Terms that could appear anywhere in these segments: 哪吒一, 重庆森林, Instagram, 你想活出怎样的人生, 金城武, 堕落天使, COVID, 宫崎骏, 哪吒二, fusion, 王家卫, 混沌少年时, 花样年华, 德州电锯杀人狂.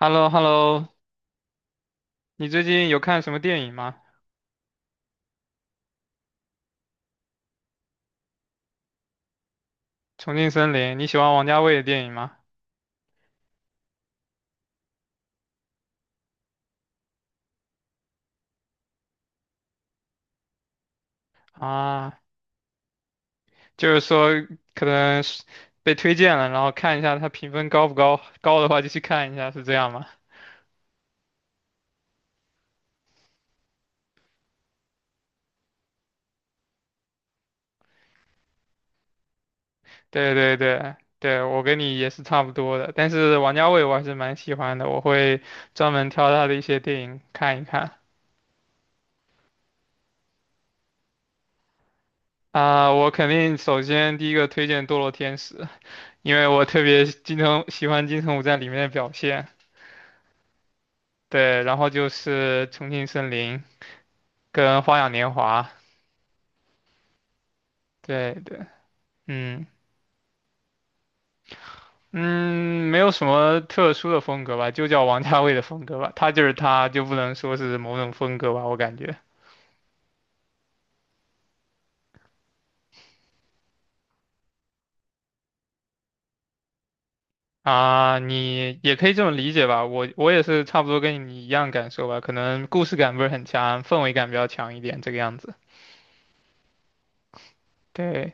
h e l l o h e l l o 你最近有看什么电影吗？《重庆森林》，你喜欢王家卫的电影吗？啊，就是说可能是被推荐了，然后看一下他评分高不高，高的话就去看一下，是这样吗？对对对对，我跟你也是差不多的，但是王家卫我还是蛮喜欢的，我会专门挑他的一些电影看一看。啊、我肯定首先第一个推荐《堕落天使》，因为我特别金城喜欢金城武在里面的表现。对，然后就是《重庆森林》跟《花样年华》，对对，嗯嗯，没有什么特殊的风格吧，就叫王家卫的风格吧，他就是他，就不能说是某种风格吧，我感觉啊，你也可以这么理解吧，我也是差不多跟你一样感受吧，可能故事感不是很强，氛围感比较强一点，这个样子，对。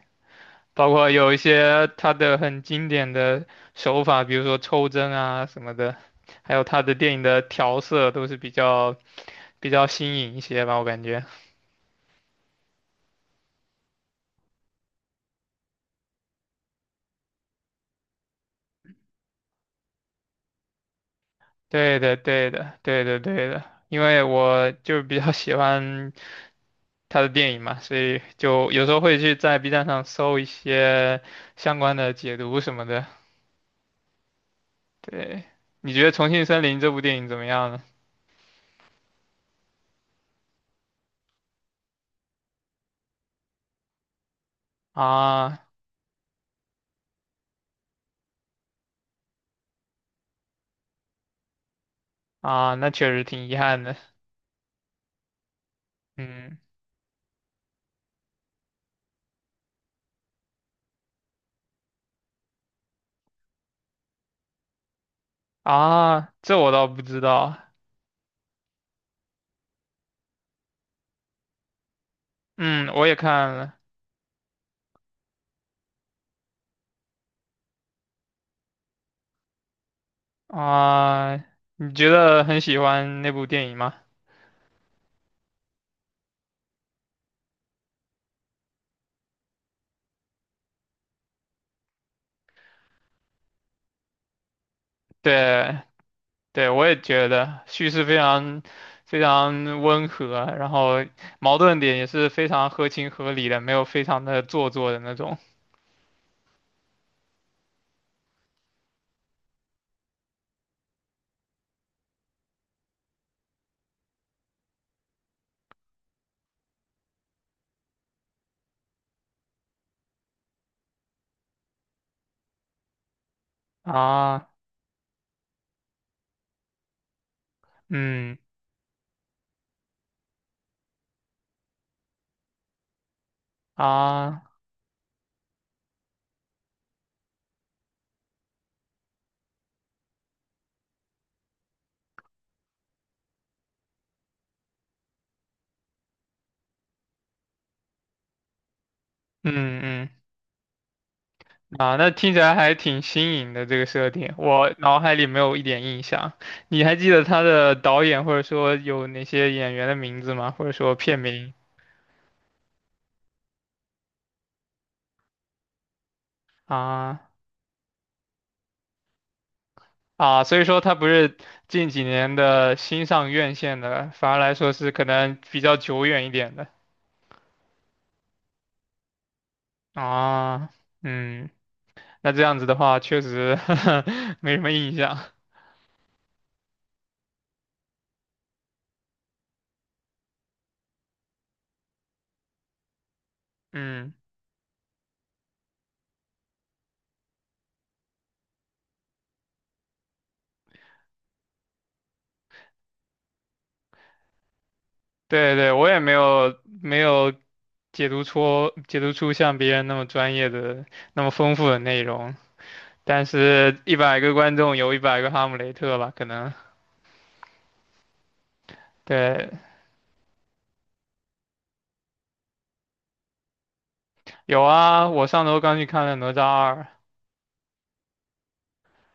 包括有一些他的很经典的手法，比如说抽帧啊什么的，还有他的电影的调色都是比较新颖一些吧，我感觉。对的，对的，对的，对的。因为我就比较喜欢他的电影嘛，所以就有时候会去在 B 站上搜一些相关的解读什么的。对，你觉得《重庆森林》这部电影怎么样呢？啊啊，那确实挺遗憾的。嗯啊，这我倒不知道。嗯，我也看了啊。你觉得很喜欢那部电影吗？对，对，我也觉得叙事非常非常温和，然后矛盾点也是非常合情合理的，没有非常的做作的那种啊，嗯啊，嗯嗯啊，那听起来还挺新颖的这个设定，我脑海里没有一点印象。你还记得他的导演或者说有哪些演员的名字吗？或者说片名啊？啊，所以说它不是近几年的新上院线的，反而来说是可能比较久远一点的。啊，嗯，那这样子的话，确实 没什么印象。嗯，对对，我也没有解读出像别人那么专业的、那么丰富的内容。但是，一百个观众有一百个哈姆雷特吧，可能。对，有啊，我上周刚去看了《哪吒二》，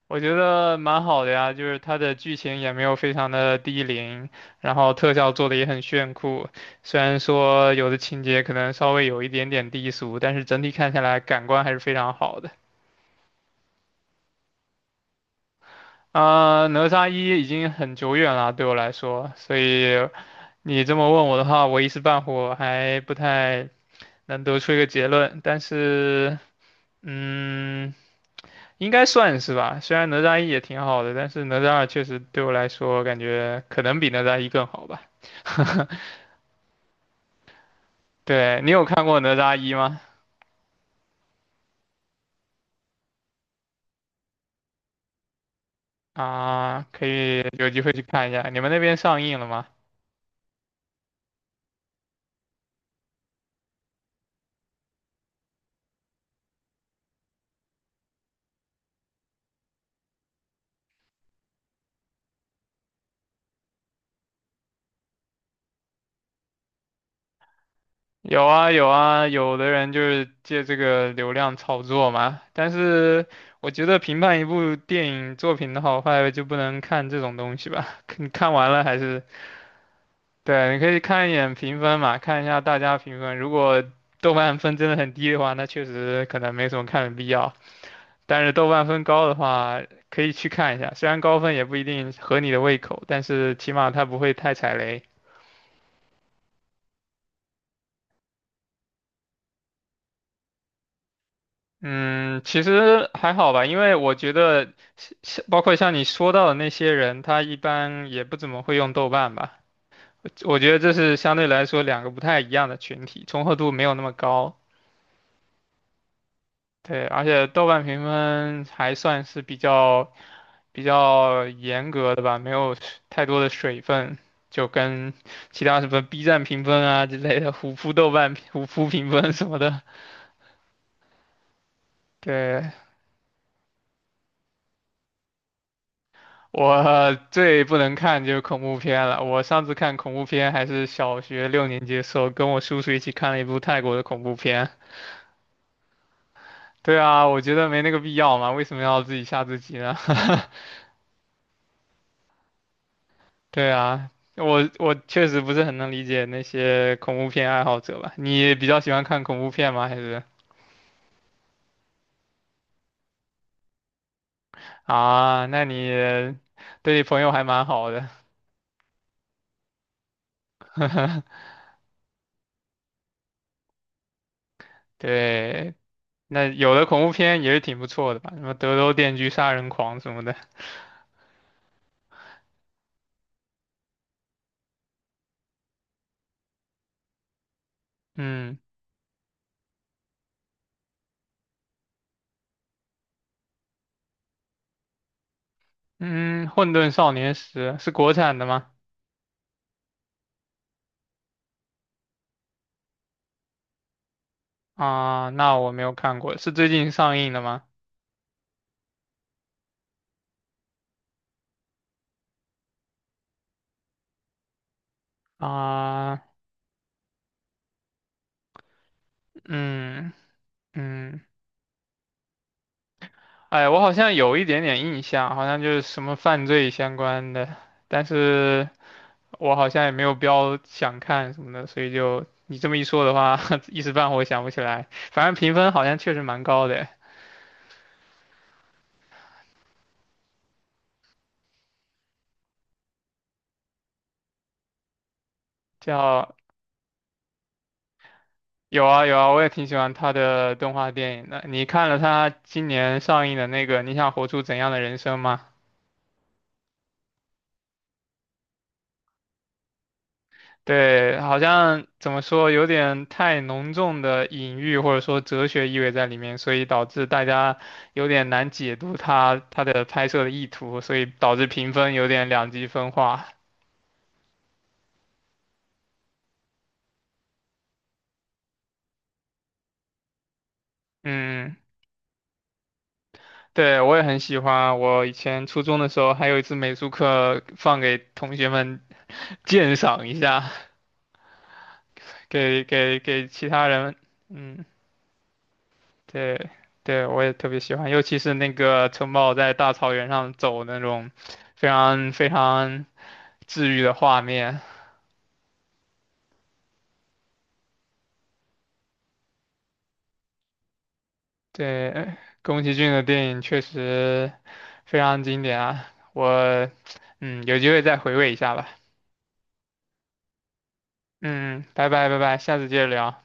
我觉得蛮好的呀，就是它的剧情也没有非常的低龄，然后特效做的也很炫酷。虽然说有的情节可能稍微有一点点低俗，但是整体看下来感官还是非常好的。啊、哪吒一已经很久远了，对我来说，所以你这么问我的话，我一时半会儿还不太能得出一个结论。但是，嗯。应该算是吧。虽然哪吒一也挺好的，但是哪吒二确实对我来说感觉可能比哪吒一更好吧。对，你有看过哪吒一吗？啊，可以有机会去看一下。你们那边上映了吗？有啊有啊，有的人就是借这个流量炒作嘛。但是我觉得评判一部电影作品的好坏就不能看这种东西吧，你看完了还是对，你可以看一眼评分嘛，看一下大家评分。如果豆瓣分真的很低的话，那确实可能没什么看的必要。但是豆瓣分高的话，可以去看一下。虽然高分也不一定合你的胃口，但是起码它不会太踩雷。嗯，其实还好吧，因为我觉得像包括像你说到的那些人，他一般也不怎么会用豆瓣吧。我觉得这是相对来说两个不太一样的群体，重合度没有那么高。对，而且豆瓣评分还算是比较严格的吧，没有太多的水分，就跟其他什么 B 站评分啊之类的、虎扑豆瓣、虎扑评分什么的。对，我最不能看就是恐怖片了。我上次看恐怖片还是小学六年级的时候，跟我叔叔一起看了一部泰国的恐怖片。对啊，我觉得没那个必要嘛，为什么要自己吓自己呢？对啊，我确实不是很能理解那些恐怖片爱好者吧？你比较喜欢看恐怖片吗？还是啊？那你对你朋友还蛮好的。对，那有的恐怖片也是挺不错的吧？什么《德州电锯杀人狂》什么的。嗯嗯，《混沌少年时》是国产的吗？啊，那我没有看过，是最近上映的吗？啊，嗯嗯哎，我好像有一点点印象，好像就是什么犯罪相关的，但是我好像也没有标想看什么的，所以就你这么一说的话，一时半会儿想不起来。反正评分好像确实蛮高的，叫有啊有啊，我也挺喜欢他的动画电影的。你看了他今年上映的那个《你想活出怎样的人生》吗？对，好像怎么说，有点太浓重的隐喻或者说哲学意味在里面，所以导致大家有点难解读它的拍摄的意图，所以导致评分有点两极分化。嗯，对，我也很喜欢。我以前初中的时候还有一次美术课放给同学们鉴赏一下，给其他人。嗯，对对，我也特别喜欢，尤其是那个城堡在大草原上走那种非常非常。治愈的画面。对，宫崎骏的电影确实非常经典啊，我嗯有机会再回味一下吧。嗯，拜拜拜拜，下次接着聊。